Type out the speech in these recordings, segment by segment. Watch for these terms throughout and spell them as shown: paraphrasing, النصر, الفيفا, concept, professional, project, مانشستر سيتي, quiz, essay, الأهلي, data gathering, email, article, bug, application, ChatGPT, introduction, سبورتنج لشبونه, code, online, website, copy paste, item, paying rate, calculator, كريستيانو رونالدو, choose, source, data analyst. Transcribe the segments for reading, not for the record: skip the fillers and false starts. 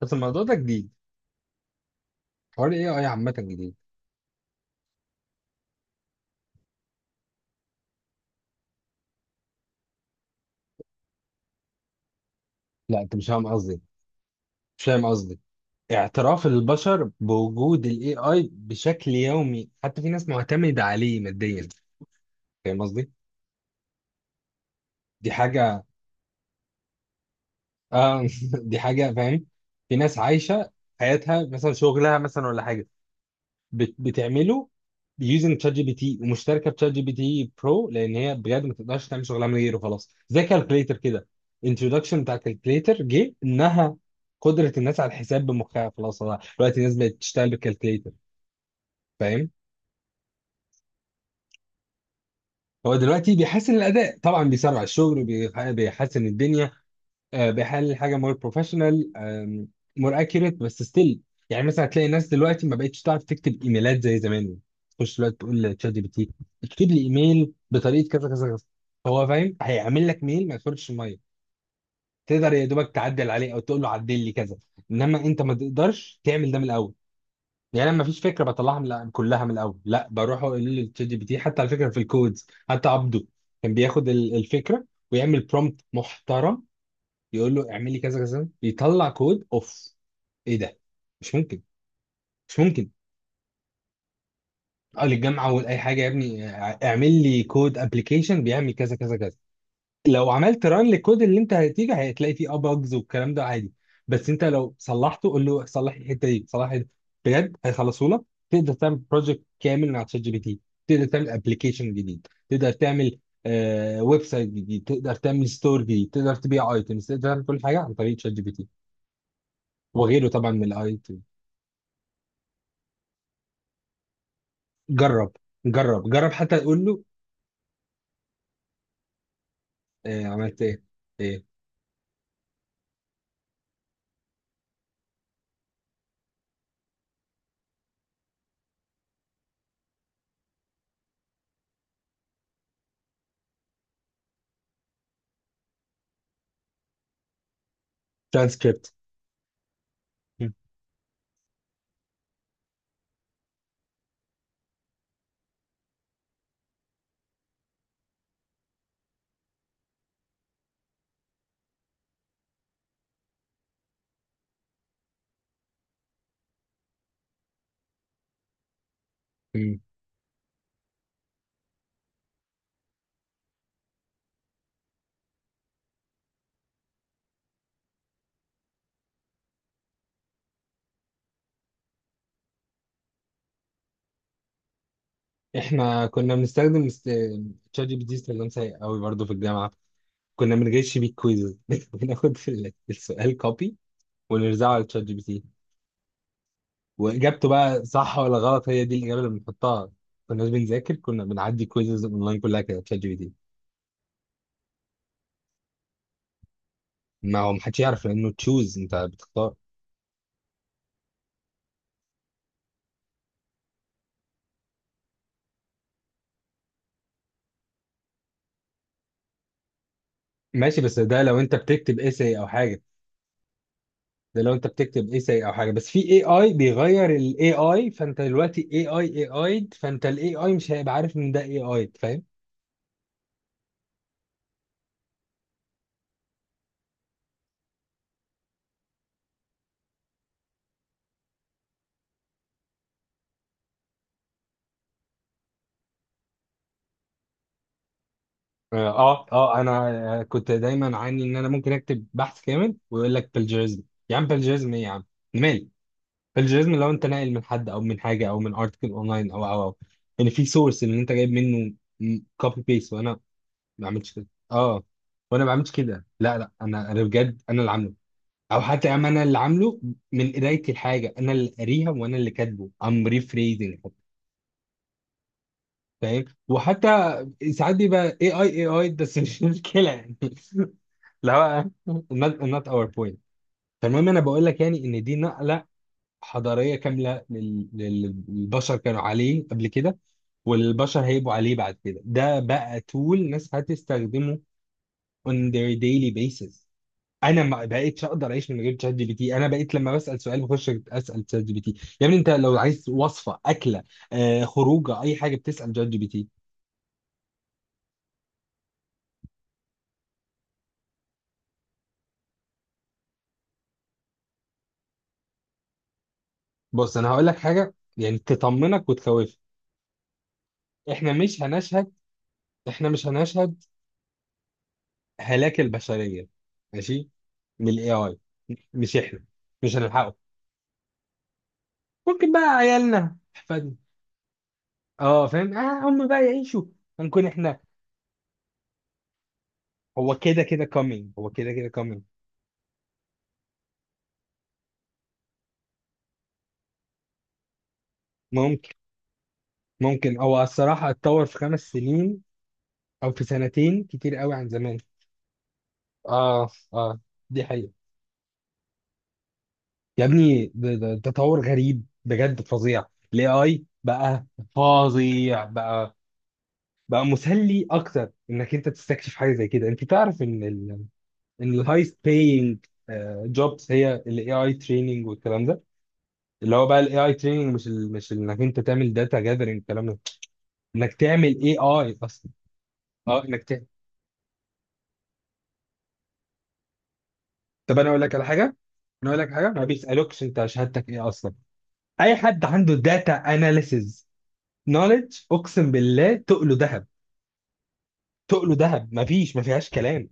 بس الموضوع ده جديد. حوار الاي اي عامة جديد. لا انت مش فاهم قصدي، مش فاهم قصدي اعتراف البشر بوجود الاي اي بشكل يومي، حتى في ناس معتمدة عليه ماديا. فاهم قصدي؟ دي حاجة. اه دي حاجة فاهم. في ناس عايشة حياتها مثلا، شغلها مثلا ولا حاجة بتعمله بيوزنج تشات جي بي تي، ومشتركه بتشات جي بي تي برو، لان هي بجد ما تقدرش تعمل شغلها من غيره خلاص، زي كالكليتر كده. انتروداكشن بتاع كالكليتر جه انها قدره الناس على الحساب بمخها خلاص، هو دلوقتي الناس بقت تشتغل بالكالكليتر. فاهم؟ هو دلوقتي بيحسن الاداء طبعا، بيسرع الشغل، بيحسن الدنيا. آه، بيحلل حاجه مور بروفيشنال، مور اكيوريت، بس ستيل يعني مثلا هتلاقي ناس دلوقتي ما بقتش تعرف تكتب ايميلات زي زمان. تخش دلوقتي تقول لتشات جي بي تي اكتب لي ايميل بطريقه كذا كذا كذا، هو فاهم، هيعمل لك ميل ما يخرجش الميه. تقدر يا دوبك تعدل عليه او تقول له عدل لي كذا، انما انت ما تقدرش تعمل ده من الاول. يعني انا ما فيش فكره بطلعها من كلها من الاول، لا بروح اقول للتشات جي بي تي. حتى على فكره في الكودز حتى عبده كان بياخد الفكره ويعمل برومبت محترم، يقول له اعمل لي كذا كذا، يطلع كود اوف. ايه ده؟ مش ممكن. مش ممكن. اه للجامعه، اول اي حاجه يا ابني، اه، اعمل لي كود ابلكيشن بيعمل كذا كذا كذا. لو عملت ران للكود اللي انت هتيجي هتلاقي فيه اه bugs والكلام ده عادي، بس انت لو صلحته قول له صلح لي الحته دي، صلح لي، بجد هيخلصوا لك. تقدر تعمل بروجكت كامل مع تشات جي بي تي، تقدر تعمل ابلكيشن جديد، تقدر تعمل ويب سايت جديد، تقدر تعمل ستور جديد، تقدر تبيع ايتمز، تقدر تعمل كل حاجه عن طريق تشات جي بي تي وغيره طبعا من الاي تي. جرب، جرب، جرب حتى، تقول له إيه عملت ايه؟ ترانسكريبت. احنا كنا تشات جي بي تي استخدام سيء قوي برضه في الجامعه. كنا بنجيش بيه كويز بناخد السؤال كوبي ونرزعه على تشات جي بي تي، واجابته بقى صح ولا غلط هي دي الاجابه اللي بنحطها. كنا بنذاكر، كنا بنعدي كويزز اونلاين كلها كده تشات جي بي تي. ما هو محدش يعرف لانه تشوز، انت بتختار. ماشي، بس ده لو انت بتكتب ايساي او حاجه. ده لو انت بتكتب ايساي او حاجه، بس في اي اي بيغير الاي اي، فانت دلوقتي اي اي اي اي، فانت الاي اي مش هيبقى عارف ان ده اي اي، فاهم؟ اه اه، انا كنت دايما عاني ان انا ممكن اكتب بحث كامل ويقول لك بلجيرزم. يا عم بلجيرزم ايه يا عم؟ مالي؟ بلجيرزم لو انت ناقل من حد او من حاجه او من ارتكل اونلاين او او او، ان في سورس ان انت جايب منه كوبي بيست، وانا ما بعملش كده. اه، وانا ما بعملش كده. لا لا، انا بجد انا اللي عامله، او حتى يا عم انا اللي عامله من قرايه الحاجه، انا اللي قاريها وانا اللي كاتبه ام ريفريزنج. فاهم؟ وحتى ساعات بيبقى اي اي اي اي، بس مش مشكله يعني. لا، not, our point. فالمهم انا بقول لك يعني ان دي نقله حضاريه كامله للبشر كانوا عليه قبل كده، والبشر هيبقوا عليه بعد كده. ده بقى tool ناس هتستخدمه on their daily basis. انا ما بقيتش اقدر اعيش من غير شات جي بي تي. انا بقيت لما بسال سؤال بخش اسال شات جي بي تي. يا ابني انت لو عايز وصفه اكله، آه خروجه، اي حاجه بتسال شات جي بي تي. بص انا هقول لك حاجه يعني تطمنك وتخوفك. احنا مش هنشهد، احنا مش هنشهد هلاك البشريه، ماشي، من الاي اي. مش احنا، مش هنلحقه. ممكن بقى عيالنا، احفادنا. اه فاهم، اه هم بقى يعيشوا. هنكون احنا. هو كده كده coming، هو كده كده coming. ممكن. ممكن هو الصراحة اتطور في خمس سنين او في سنتين كتير قوي عن زمان. اه اه، دي حقيقة. يا ابني ده تطور غريب بجد، فظيع الاي اي بقى، فظيع بقى. بقى مسلي اكتر انك انت تستكشف حاجه زي كده. انت تعرف ان الهايست باينج جوبز هي الاي اي تريننج والكلام ده، اللي هو بقى الاي اي تريننج، مش انك انت تعمل داتا جاذرنج الكلام ده، انك تعمل اي اي اصلا. اه انك تعمل. طب انا اقول لك على حاجه، انا اقول لك حاجه، ما بيسالوكش انت شهادتك ايه اصلا. اي حد عنده داتا اناليسز نوليدج، اقسم بالله تقله ذهب، تقله ذهب، مفيش ما فيهاش كلام.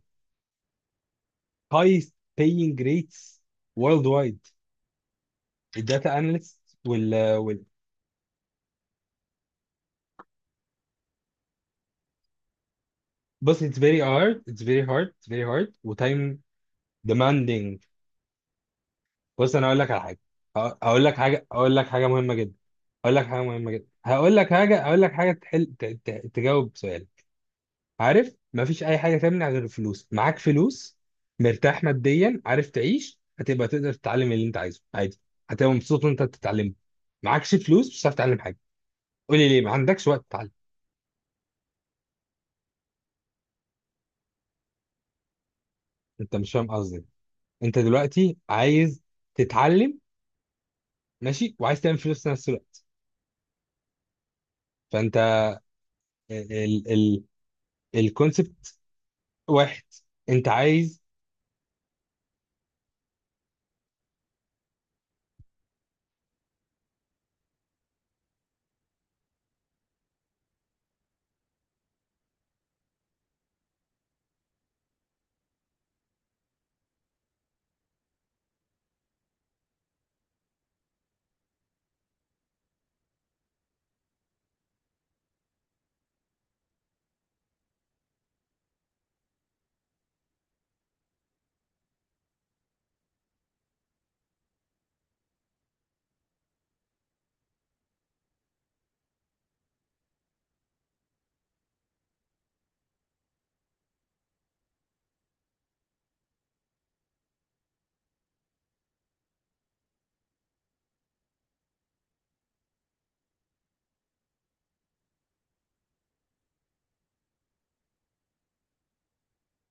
هايست paying rates world wide الداتا اناليست وال. بص it's very hard، وتايم demanding. بص انا هقول لك على حاجه. هقول لك حاجه، هقول لك حاجه مهمه جدا، هقول لك حاجه، هقول لك حاجه تحل تجاوب سؤالك. عارف مفيش اي حاجه تمنع غير الفلوس. معاك فلوس، مرتاح ماديا، عارف تعيش، هتبقى تقدر تتعلم اللي انت عايزه عادي، هتبقى مبسوط وانت بتتعلمه. معكش فلوس مش هتعرف تتعلم حاجه. قولي ليه ما عندكش وقت تتعلم؟ انت مش فاهم قصدي. انت دلوقتي عايز تتعلم، ماشي، وعايز تعمل فلوس في نفس الوقت، فانت ال ال الكونسبت واحد. انت عايز.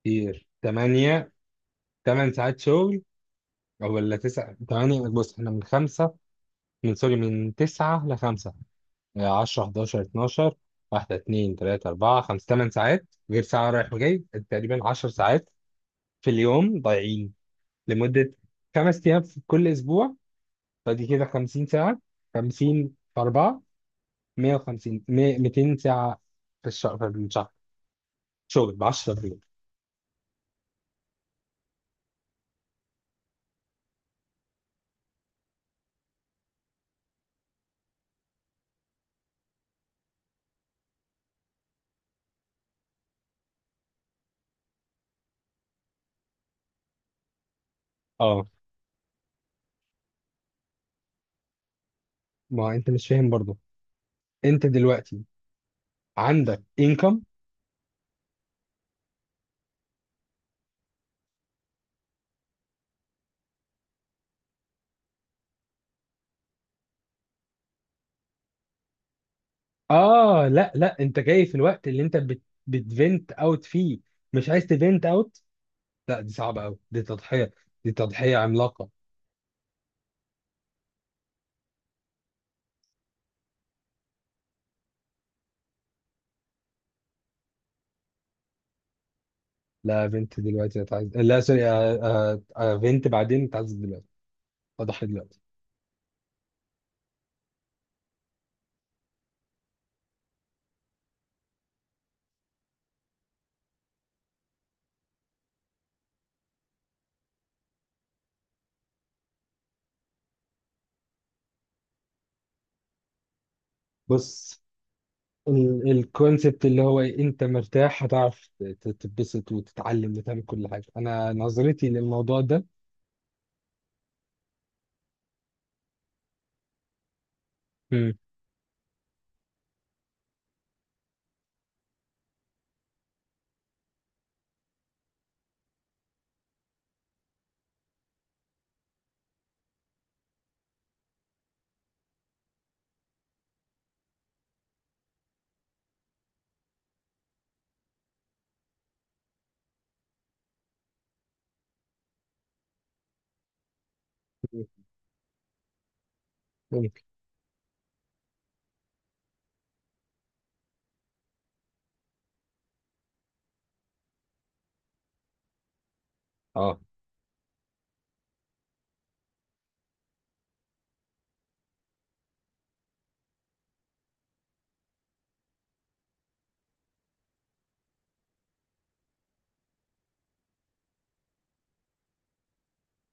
كتير. 8، 8 ساعات شغل. او ولا 9. 8. بص احنا من 5، من سوري، من 9 ل 5. 10، 11، 12. واحدة، اتنين، تلاتة، أربعة، خمسة، تمن ساعات، غير ساعة رايح وجاي، تقريبا 10 ساعات في اليوم ضايعين، لمدة خمس أيام في كل أسبوع. فدي كده 50 ساعة. 50 في أربعة، 150، 200 ساعة في الشهر. شغل ب 10 في اليوم. اه. ما أنت مش فاهم برضه. أنت دلوقتي عندك income. اه لا لا، أنت جاي في الوقت اللي أنت بتفنت اوت فيه، مش عايز تفنت اوت. لا دي صعبة أوي، دي تضحية، دي تضحية عملاقة. لا بنت دلوقتي هتعز، لا سوري، آه، آه، آه، بنت بعدين هتعز، دلوقتي أضحي دلوقتي. بص الكونسبت اللي هو إيه، انت مرتاح هتعرف تتبسط وتتعلم وتعمل كل حاجة. انا نظرتي للموضوع ده. مم. ممكن. اه.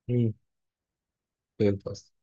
مم. فهمت قصدك.